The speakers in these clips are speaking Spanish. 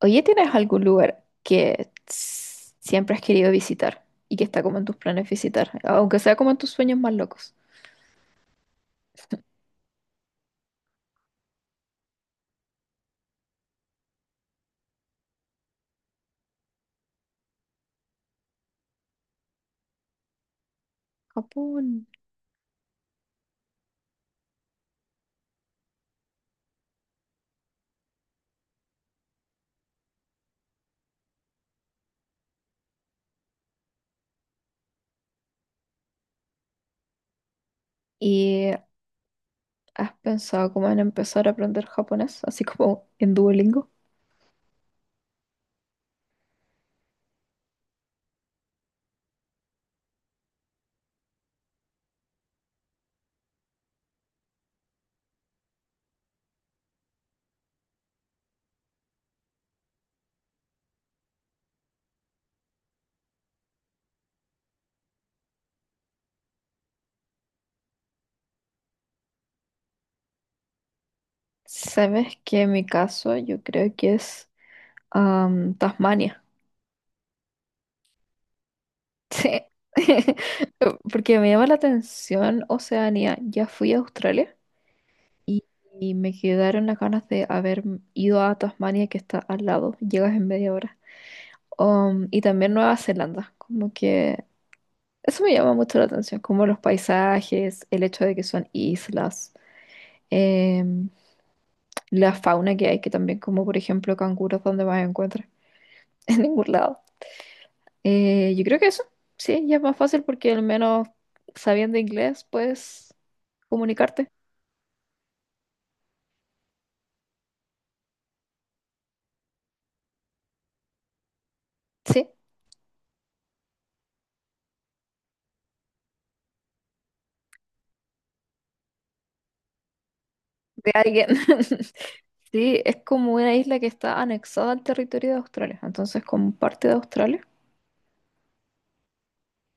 Oye, ¿tienes algún lugar que siempre has querido visitar y que está como en tus planes visitar, aunque sea como en tus sueños más locos? Japón. ¿Y has pensado como en empezar a aprender japonés, así como en Duolingo? Sabes que en mi caso yo creo que es Tasmania. Sí. Porque me llama la atención Oceanía. Ya fui a Australia y, y me quedaron las ganas de haber ido a Tasmania que está al lado. Llegas en media hora. Y también Nueva Zelanda, como que eso me llama mucho la atención, como los paisajes, el hecho de que son islas, em, la fauna que hay, que también como por ejemplo canguros donde más encuentras, en ningún lado. Yo creo que eso, sí, ya es más fácil porque al menos sabiendo inglés puedes comunicarte. Sí, de alguien. Sí, es como una isla que está anexada al territorio de Australia, entonces como parte de Australia.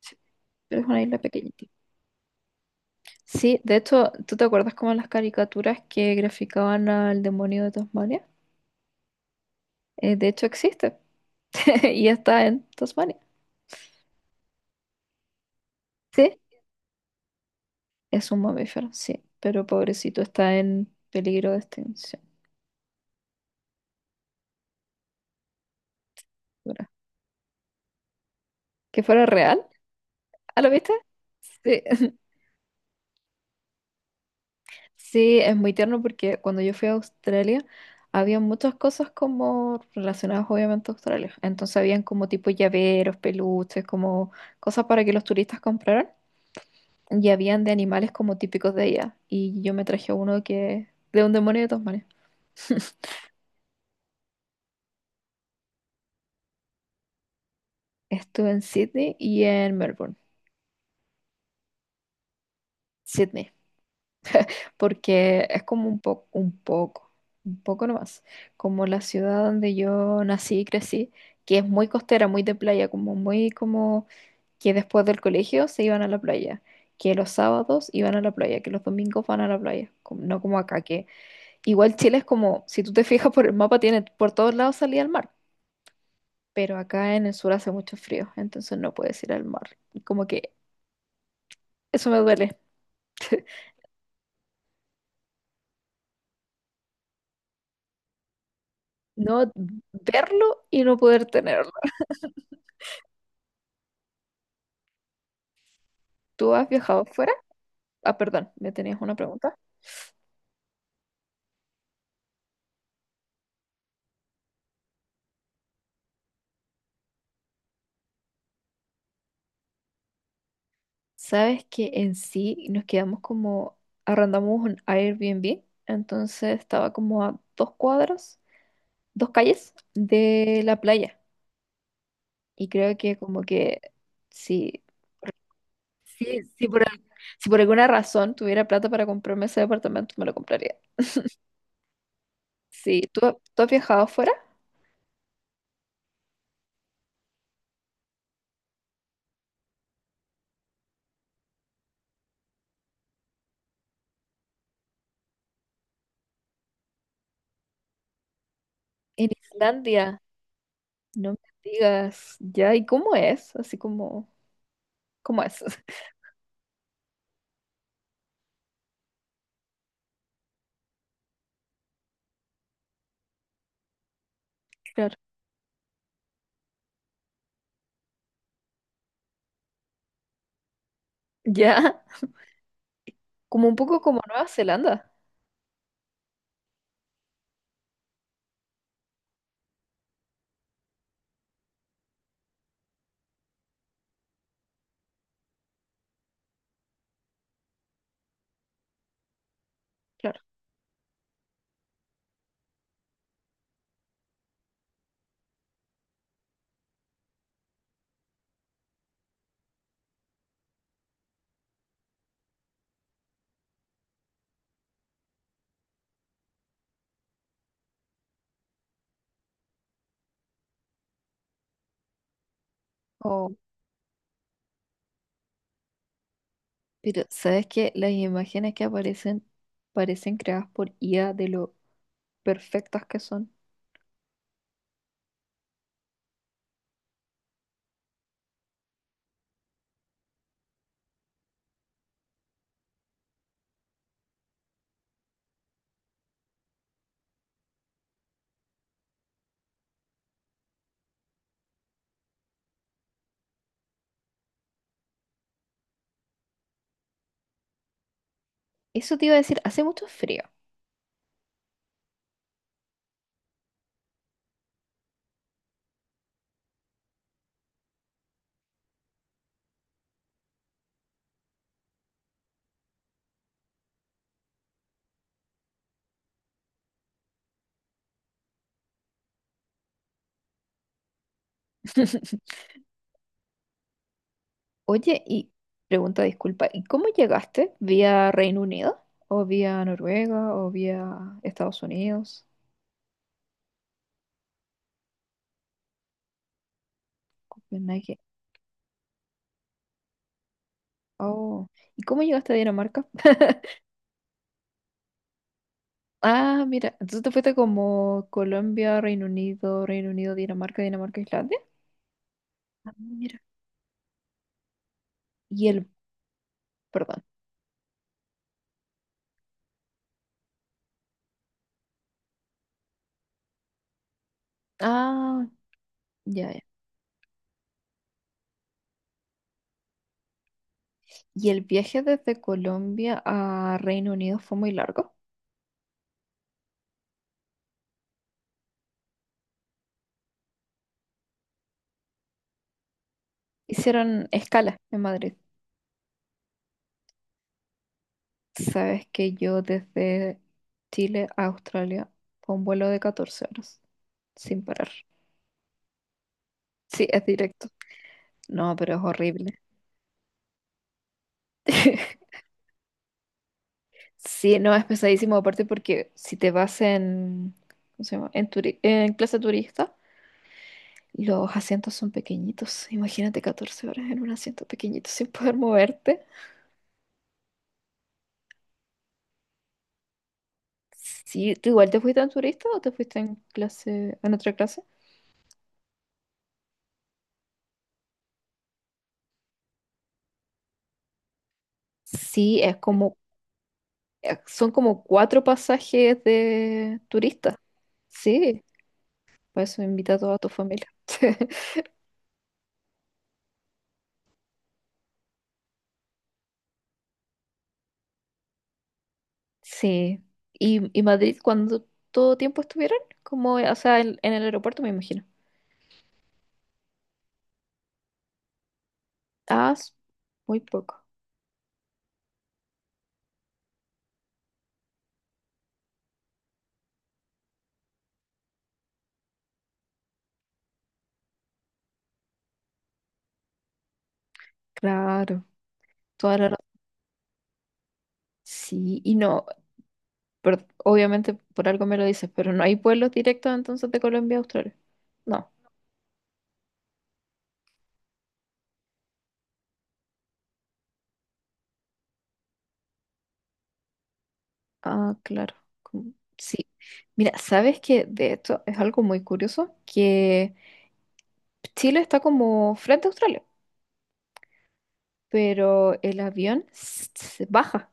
Sí, pero es una isla pequeña. Sí, de hecho, ¿tú te acuerdas como las caricaturas que graficaban al demonio de Tasmania? De hecho existe y está en Tasmania. Sí, es un mamífero, sí, pero pobrecito está en peligro de extinción. Dura. ¿Que fuera real? ¿Ah, lo viste? Sí. Sí, es muy tierno porque cuando yo fui a Australia había muchas cosas como relacionadas obviamente a Australia. Entonces habían como tipo llaveros, peluches, como cosas para que los turistas compraran. Y habían de animales como típicos de ella. Y yo me traje uno que de un demonio de Tasmania. Estuve en Sydney y en Melbourne. Sydney, porque es como un poco, un poco, un poco nomás, como la ciudad donde yo nací y crecí, que es muy costera, muy de playa, como muy como que después del colegio se iban a la playa, que los sábados iban a la playa, que los domingos van a la playa, como- no como acá, que igual Chile es como, si tú te fijas por el mapa, tiene por todos lados salida al mar. Pero acá en el sur hace mucho frío, entonces no puedes ir al mar. Y como que eso me duele, no verlo y no poder tenerlo. ¿Tú has viajado fuera? Ah, perdón, me tenías una pregunta. ¿Sabes que en sí nos quedamos como, arrendamos un Airbnb? Entonces estaba como a 2 cuadras, dos calles de la playa. Y creo que como que si, si, si por, al- si por alguna razón tuviera plata para comprarme ese departamento, me lo compraría. Sí, ¿tú has viajado afuera? En Islandia, no me digas, ya, ¿y cómo es? Así como, ¿cómo es? Claro, ya, como un poco como Nueva Zelanda, claro. Oh, pero ¿sabes qué? Las imágenes que aparecen parecen creadas por IA de lo perfectas que son. Eso te iba a decir, hace mucho frío. Oye, y pregunta, disculpa, ¿y cómo llegaste? ¿Vía Reino Unido? ¿O vía Noruega? ¿O vía Estados Unidos? Copenhague. Oh, ¿y cómo llegaste a Dinamarca? Ah, mira, entonces te fuiste como Colombia, Reino Unido, Reino Unido, Dinamarca, Dinamarca, Islandia. Ah, mira. Y el, perdón. Ah, ya, ya. ¿Y el viaje desde Colombia a Reino Unido fue muy largo? Hicieron escala en Madrid. Sabes que yo desde Chile a Australia fue un vuelo de 14 horas, sin parar. Sí, es directo. No, pero es horrible. Sí, no, es pesadísimo, aparte porque si te vas en, ¿cómo se llama? En clase turista, los asientos son pequeñitos. Imagínate 14 horas en un asiento pequeñito sin poder moverte. Sí, ¿tú igual te fuiste en turista o te fuiste en clase, en otra clase? Sí, es como, son como cuatro pasajes de turista. Sí, por eso invita a toda tu familia. Sí. ¿Y Madrid cuando todo tiempo estuvieron? Como, o sea, en el aeropuerto me imagino. Ah, muy poco. Claro, toda la razón. Sí, y no, pero obviamente por algo me lo dices, pero no hay vuelos directos entonces de Colombia a Australia. No. Ah, claro. Sí. Mira, ¿sabes que de hecho, es algo muy curioso que Chile está como frente a Australia, pero el avión se baja,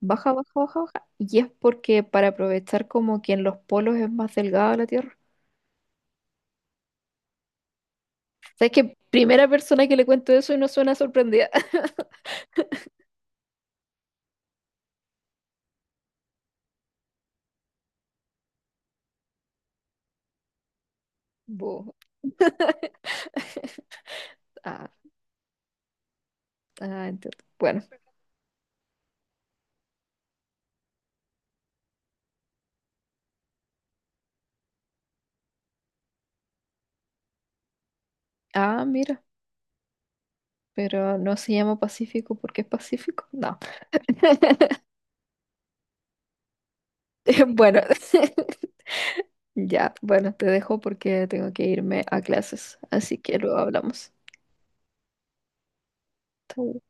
baja, baja, baja, baja. Y es porque para aprovechar como que en los polos es más delgada la Tierra. ¿Sabes que primera persona que le cuento eso y no suena sorprendida. Bo. Ah, ah, entiendo. Bueno, ah, mira, pero no se llama Pacífico porque es Pacífico. No. Bueno, ya, bueno, te dejo porque tengo que irme a clases, así que luego hablamos. Chau.